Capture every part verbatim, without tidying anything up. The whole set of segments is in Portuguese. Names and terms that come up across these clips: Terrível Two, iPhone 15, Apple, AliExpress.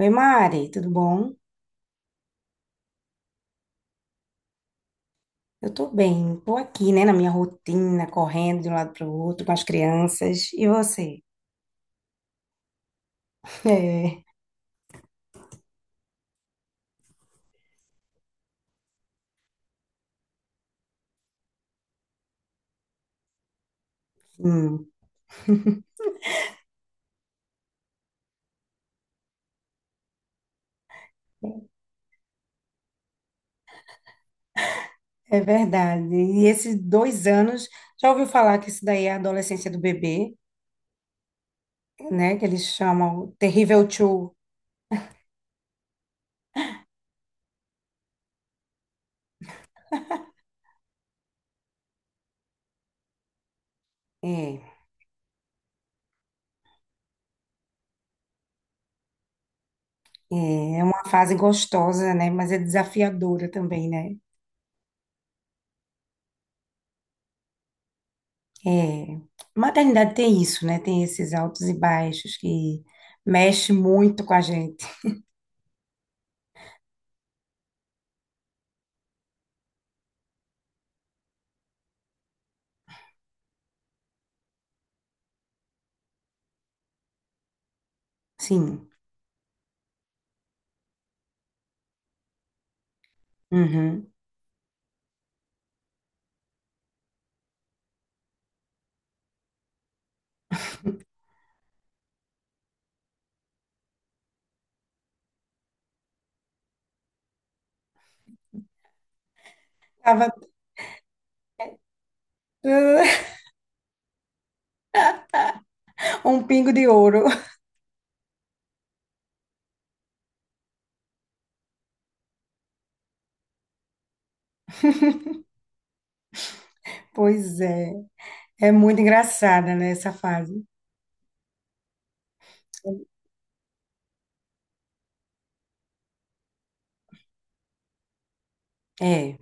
Oi, Mari, tudo bom? Eu tô bem, tô aqui, né, na minha rotina, correndo de um lado para o outro com as crianças. E você? É, hum, é verdade. E esses dois anos, já ouviu falar que isso daí é a adolescência do bebê, né, que eles chamam Terrível Two. É, é, é uma fase gostosa, né, mas é desafiadora também, né? É, maternidade tem isso, né, tem esses altos e baixos que mexe muito com a gente. Sim. Uhum. Tava um pingo de ouro. Pois é. É muito engraçada, né, essa fase. É,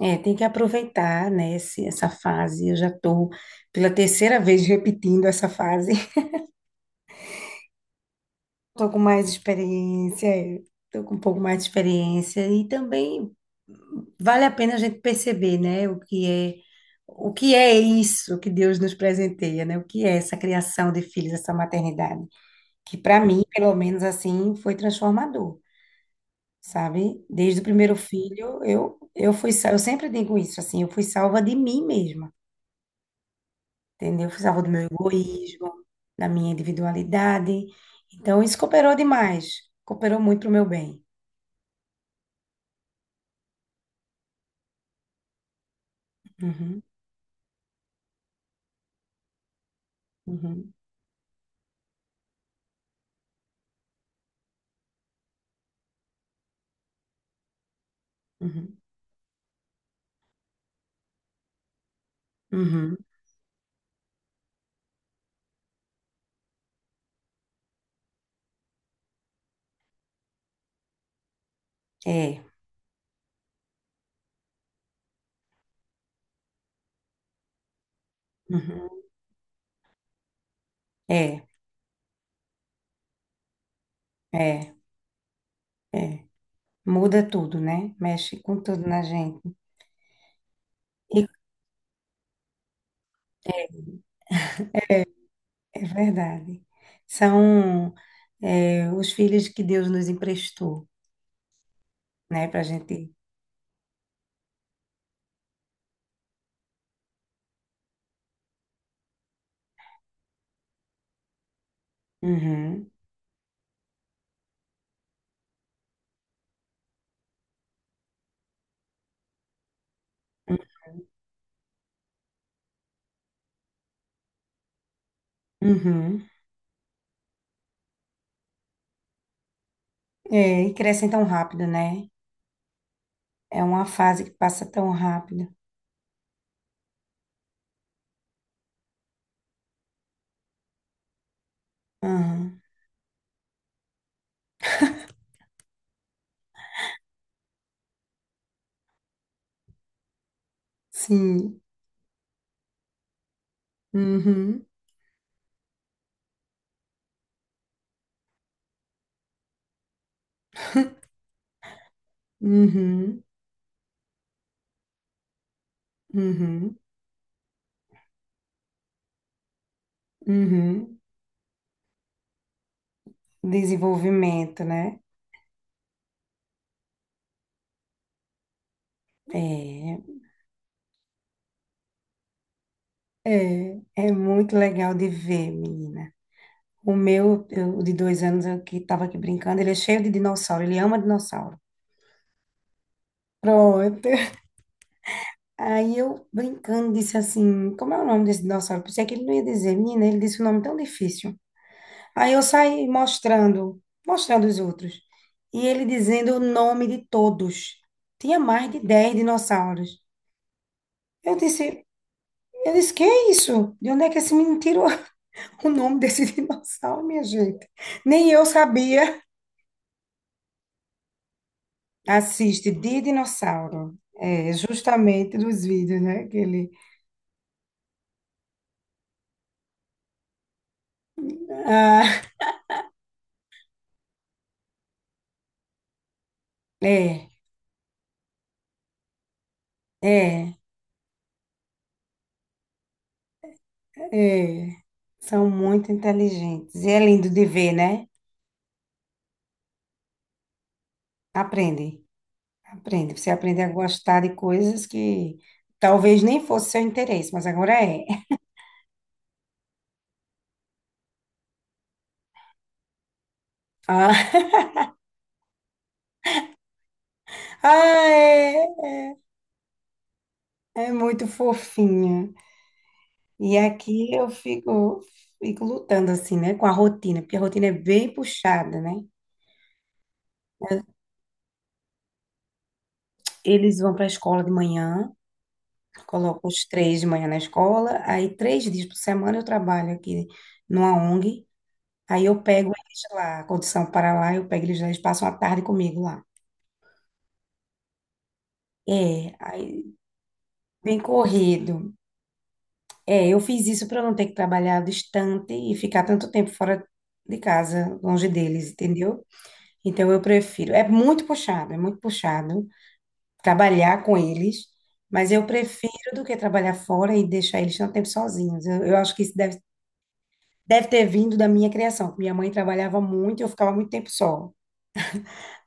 é, tem que aproveitar, né, esse- essa fase. Eu já tô pela terceira vez repetindo essa fase. Tô com mais experiência, é, tô com um pouco mais de experiência e também vale a pena a gente perceber, né, o que é o que é isso que Deus nos presenteia, né? O que é essa criação de filhos, essa maternidade, que para mim, pelo menos assim, foi transformador. Sabe? Desde o primeiro filho, eu eu fui, sa- eu sempre digo isso assim, eu fui salva de mim mesma, entendeu? Eu fui salva do meu egoísmo, da minha individualidade. Então isso cooperou demais, cooperou muito pro meu bem. Uhum, uhum, uhum, uhum. É, uhum, é, é, é. Muda tudo, né? Mexe com tudo na gente. E é verdade. São, é, os filhos que Deus nos emprestou, né? Pra gente. Uhum. Uhum. É, e crescem tão rápido, né? É uma fase que passa tão rápido. Aham. Sim. Uhum. Uhum. Uhum. Uhum. Desenvolvimento, né? É, é, é muito legal de ver, menina. O meu, eu, o de dois anos, eu que estava aqui brincando, ele é cheio de dinossauro, ele ama dinossauro. Pronto. Aí eu, brincando, disse assim, como é o nome desse dinossauro? Pensei que ele não ia dizer, menina, ele disse um nome tão difícil. Aí eu saí mostrando, mostrando os outros. E ele dizendo o nome de todos. Tinha mais de dez dinossauros. Eu disse, eu disse, que é isso? De onde é que esse menino tirou o nome desse dinossauro, minha gente? Nem eu sabia. Assiste de dinossauro. É, justamente dos vídeos, né? Que ele... Ah, é, é, é. São muito inteligentes. E é lindo de ver, né? Aprendem. Aprende, você aprende a gostar de coisas que talvez nem fosse seu interesse, mas agora é. Ah, ah, é, é, é muito fofinha. E aqui eu fico, fico lutando assim, né, com a rotina, porque a rotina é bem puxada, né? Eles vão para a escola de manhã, coloco os três de manhã na escola, aí três dias por semana eu trabalho aqui numa O N G, aí eu pego eles lá, quando são para lá, eu pego eles lá, eles passam a tarde comigo lá. Aí, bem corrido. É, eu fiz isso para não ter que trabalhar distante e ficar tanto tempo fora de casa, longe deles, entendeu? Então eu prefiro. É muito puxado, é muito puxado trabalhar com eles, mas eu prefiro do que trabalhar fora e deixar eles tanto tempo sozinhos. Eu, eu acho que isso deve, deve ter vindo da minha criação, que minha mãe trabalhava muito e eu ficava muito tempo só.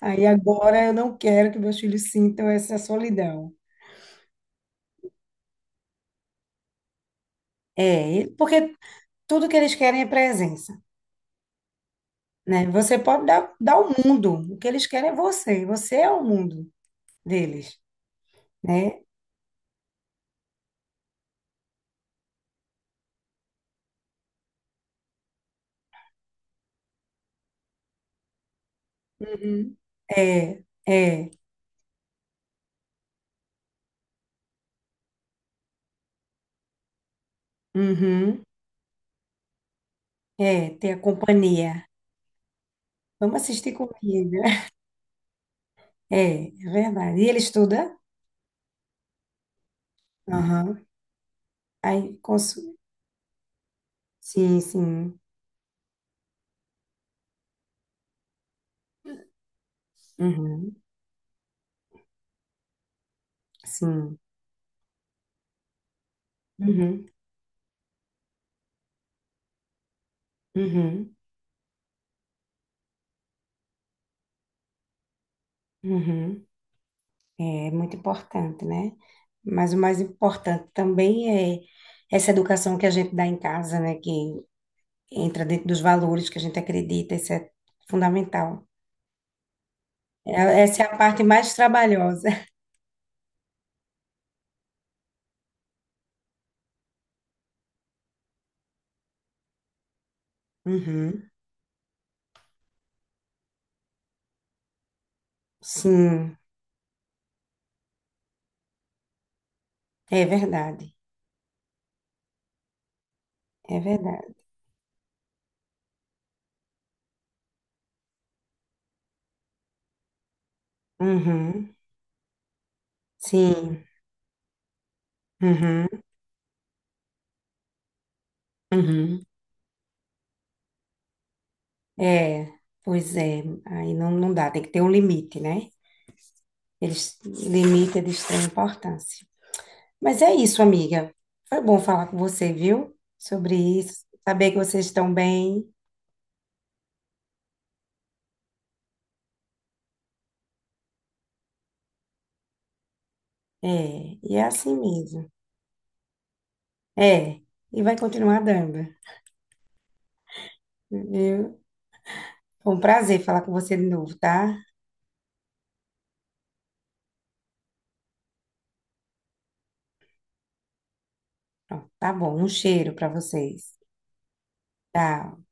Aí agora eu não quero que meus filhos sintam essa solidão. É, porque tudo que eles querem é presença. Né? Você pode dar, dar o mundo, o que eles querem é você, você é o mundo deles, né? Uhum. É, é, uhum, é, ter a companhia. Vamos assistir comida. É, é verdade. E ele estuda? Aham. Aí consome. Sim, sim. Uhum, sim. Uhum, uhum, uhum. É muito importante, né? Mas o mais importante também é essa educação que a gente dá em casa, né? Que entra dentro dos valores que a gente acredita, isso é fundamental. É- Essa é a parte mais trabalhosa. Uhum. Sim, é verdade, é verdade. Uhum. Sim, uhum. Uhum. É, pois é, aí não, não dá, tem que ter um limite, né? Eles, limite é de extrema importância. Mas é isso, amiga. Foi bom falar com você, viu? Sobre isso, saber que vocês estão bem. É, e é assim mesmo. É, e vai continuar dando. Viu? Foi um prazer falar com você de novo, tá? Pronto, tá bom. Um cheiro para vocês. Tchau.